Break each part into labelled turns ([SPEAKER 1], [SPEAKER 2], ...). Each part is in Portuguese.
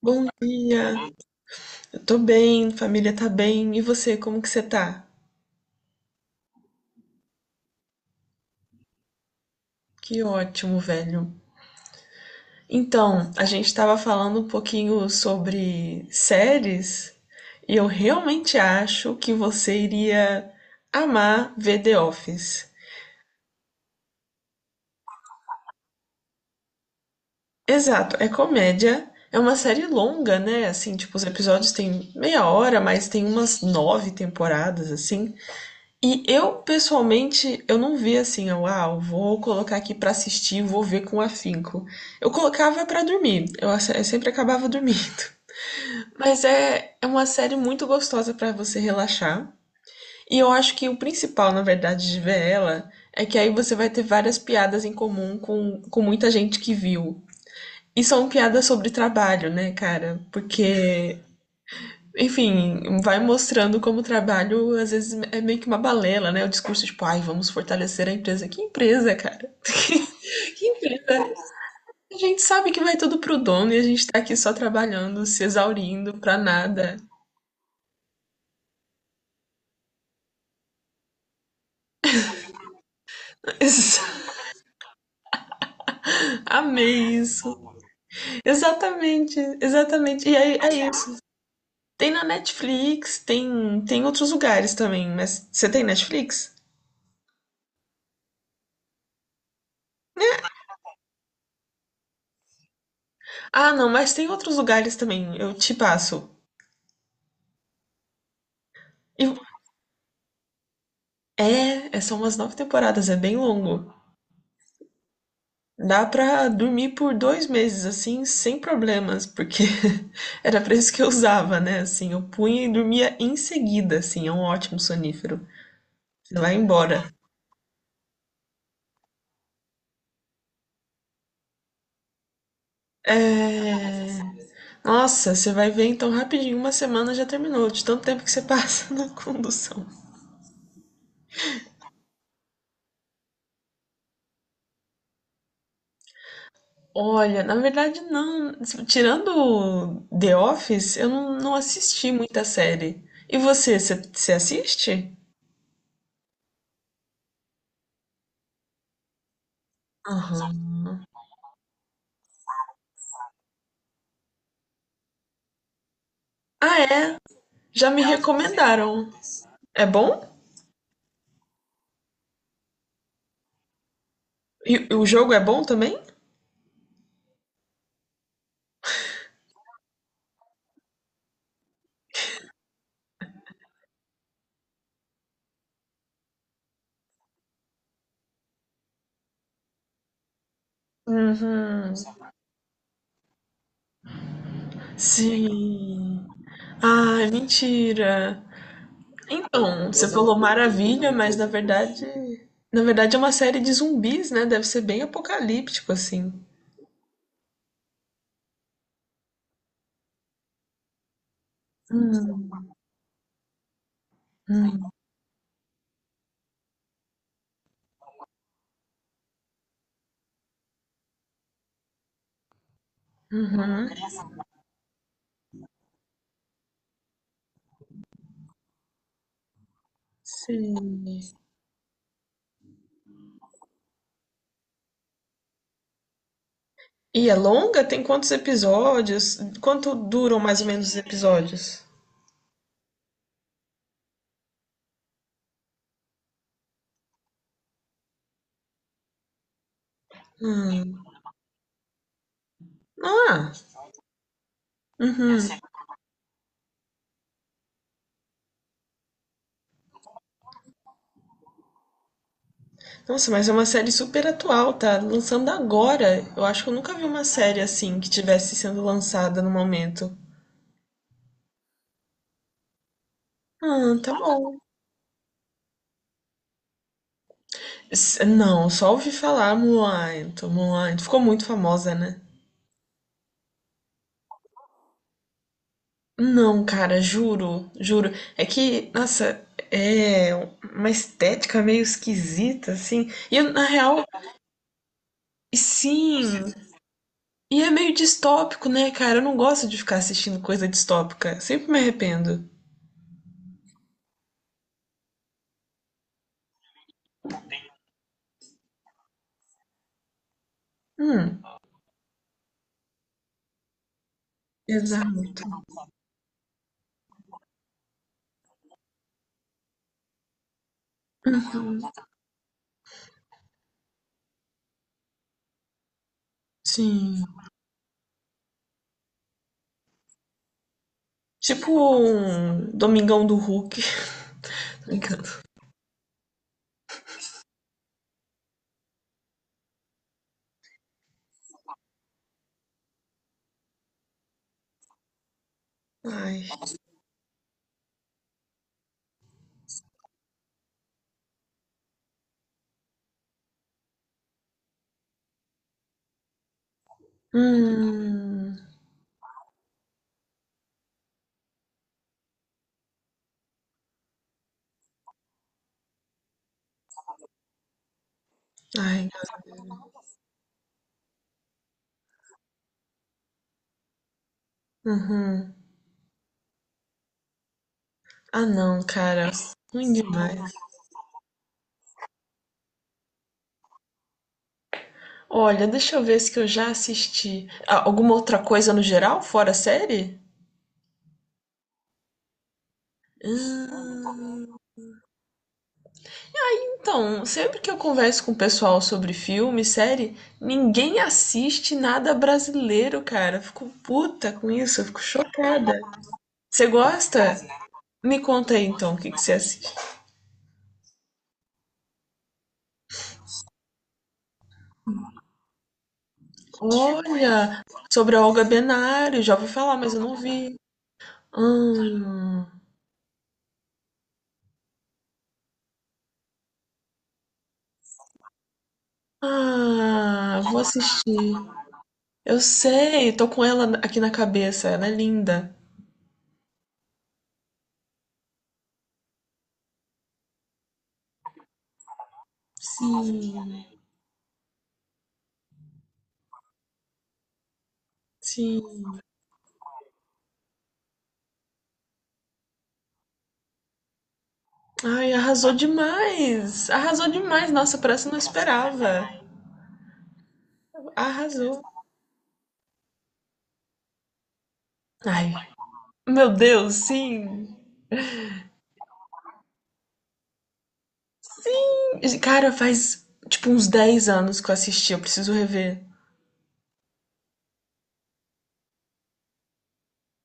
[SPEAKER 1] Bom dia, eu tô bem, família tá bem, e você, como que você tá? Que ótimo, velho. Então, a gente tava falando um pouquinho sobre séries, e eu realmente acho que você iria amar ver The Office. Exato, é comédia, é uma série longa, né? Assim, tipo, os episódios têm meia hora, mas tem umas nove temporadas, assim. E eu, pessoalmente, eu não via assim, eu vou colocar aqui pra assistir, vou ver com afinco. Eu colocava pra dormir, eu sempre acabava dormindo. Mas é, é uma série muito gostosa pra você relaxar. E eu acho que o principal, na verdade, de ver ela é que aí você vai ter várias piadas em comum com muita gente que viu. E são piadas sobre trabalho, né, cara? Porque enfim, vai mostrando como o trabalho às vezes é meio que uma balela, né? O discurso tipo, ai, vamos fortalecer a empresa. Que empresa, cara? Que empresa? A gente sabe que vai tudo pro dono e a gente tá aqui só trabalhando, se exaurindo pra nada. Amei isso. Exatamente, exatamente. E aí é isso. Tem na Netflix, tem, tem outros lugares também, mas você tem Netflix? Ah, não, mas tem outros lugares também, eu te passo. E- é são umas nove temporadas, é bem longo. Dá pra dormir por 2 meses, assim, sem problemas, porque era pra isso que eu usava, né, assim, eu punha e dormia em seguida, assim, é um ótimo sonífero. Você vai embora. É... Nossa, você vai ver então rapidinho, uma semana já terminou, de tanto tempo que você passa na condução. Olha, na verdade não, tirando The Office, eu não, não assisti muita série. E você, você assiste? Aham. Ah, é? Já me recomendaram. É bom? E o jogo é bom também? Uhum. Sim. Ah, mentira. Então, você falou maravilha, mas na verdade é uma série de zumbis, né? Deve ser bem apocalíptico assim. Hum, hum, uhum. Sim. E é longa? Tem quantos episódios? Quanto duram mais ou menos os episódios? Hum. Ah, uhum. Nossa, mas é uma série super atual, tá lançando agora. Eu acho que eu nunca vi uma série assim que tivesse sendo lançada no momento. Ah, tá bom. Não, só ouvi falar Mulan, Mulan. Ficou muito famosa, né? Não, cara, juro, juro. É que, nossa, é uma estética meio esquisita, assim. E eu, na real, sim. E é meio distópico, né, cara? Eu não gosto de ficar assistindo coisa distópica. Sempre me arrependo. Hum, exato. Sim. Tipo um Domingão do Hulk. Tô brincando. Ai. Hum. Ai. Uhum. Ah, não, cara. Ruim demais. Olha, deixa eu ver se que eu já assisti. Ah, alguma outra coisa no geral, fora série? Hum, Então, sempre que eu converso com o pessoal sobre filme, série, ninguém assiste nada brasileiro, cara. Eu fico puta com isso, eu fico chocada. Você gosta? Me conta aí então, o que que você assiste? Olha, sobre a Olga Benário, já ouvi falar, mas eu não vi. Hum. Ah, vou assistir. Eu sei, tô com ela aqui na cabeça, ela é linda. Sim, sim. Ai, arrasou demais! Arrasou demais! Nossa, por essa eu não esperava. Arrasou. Ai, meu Deus, sim. Cara, faz tipo uns 10 anos que eu assisti, eu preciso rever.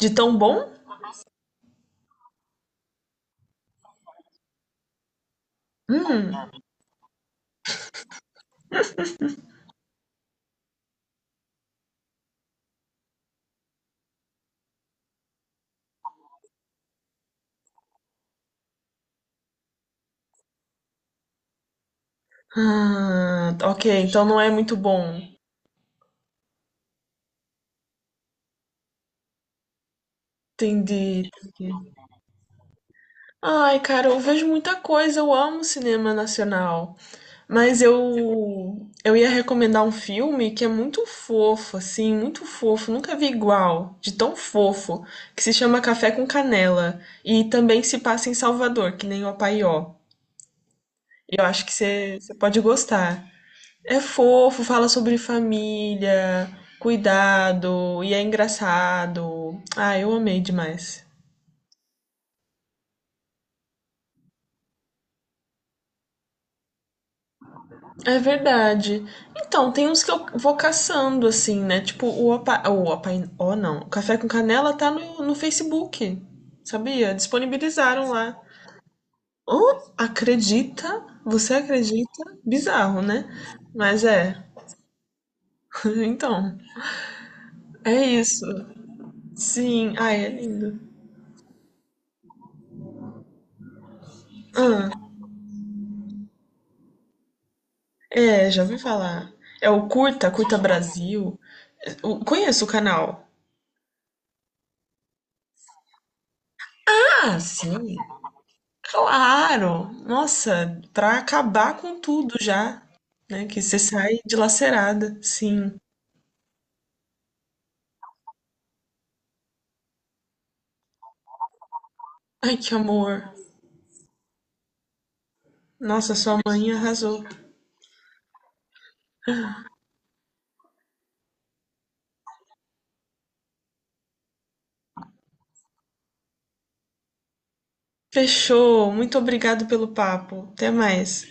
[SPEAKER 1] De tão bom? Hum. Ah, ok, então não é muito bom. Entendi, entendi. Ai, cara, eu vejo muita coisa, eu amo cinema nacional, mas eu ia recomendar um filme que é muito fofo, assim, muito fofo, nunca vi igual, de tão fofo, que se chama Café com Canela e também se passa em Salvador, que nem o Apaió. E eu acho que você pode gostar. É fofo, fala sobre família, cuidado e é engraçado. Ah, eu amei demais. É verdade. Então, tem uns que eu vou caçando, assim, né? Tipo, o Opa... O Opa... Oh, não. O Café com Canela tá no Facebook, sabia? Disponibilizaram lá. Oh, acredita? Você acredita? Bizarro, né? Mas é. Então, é isso. Sim. Ai, é lindo. Ah, é, já ouvi falar. É o Curta, Curta Brasil. Eu conheço o canal. Ah, sim. Claro! Nossa, pra acabar com tudo já, né? Que você sai dilacerada, sim. Ai, que amor. Nossa, sua mãe arrasou. Fechou. Muito obrigado pelo papo. Até mais.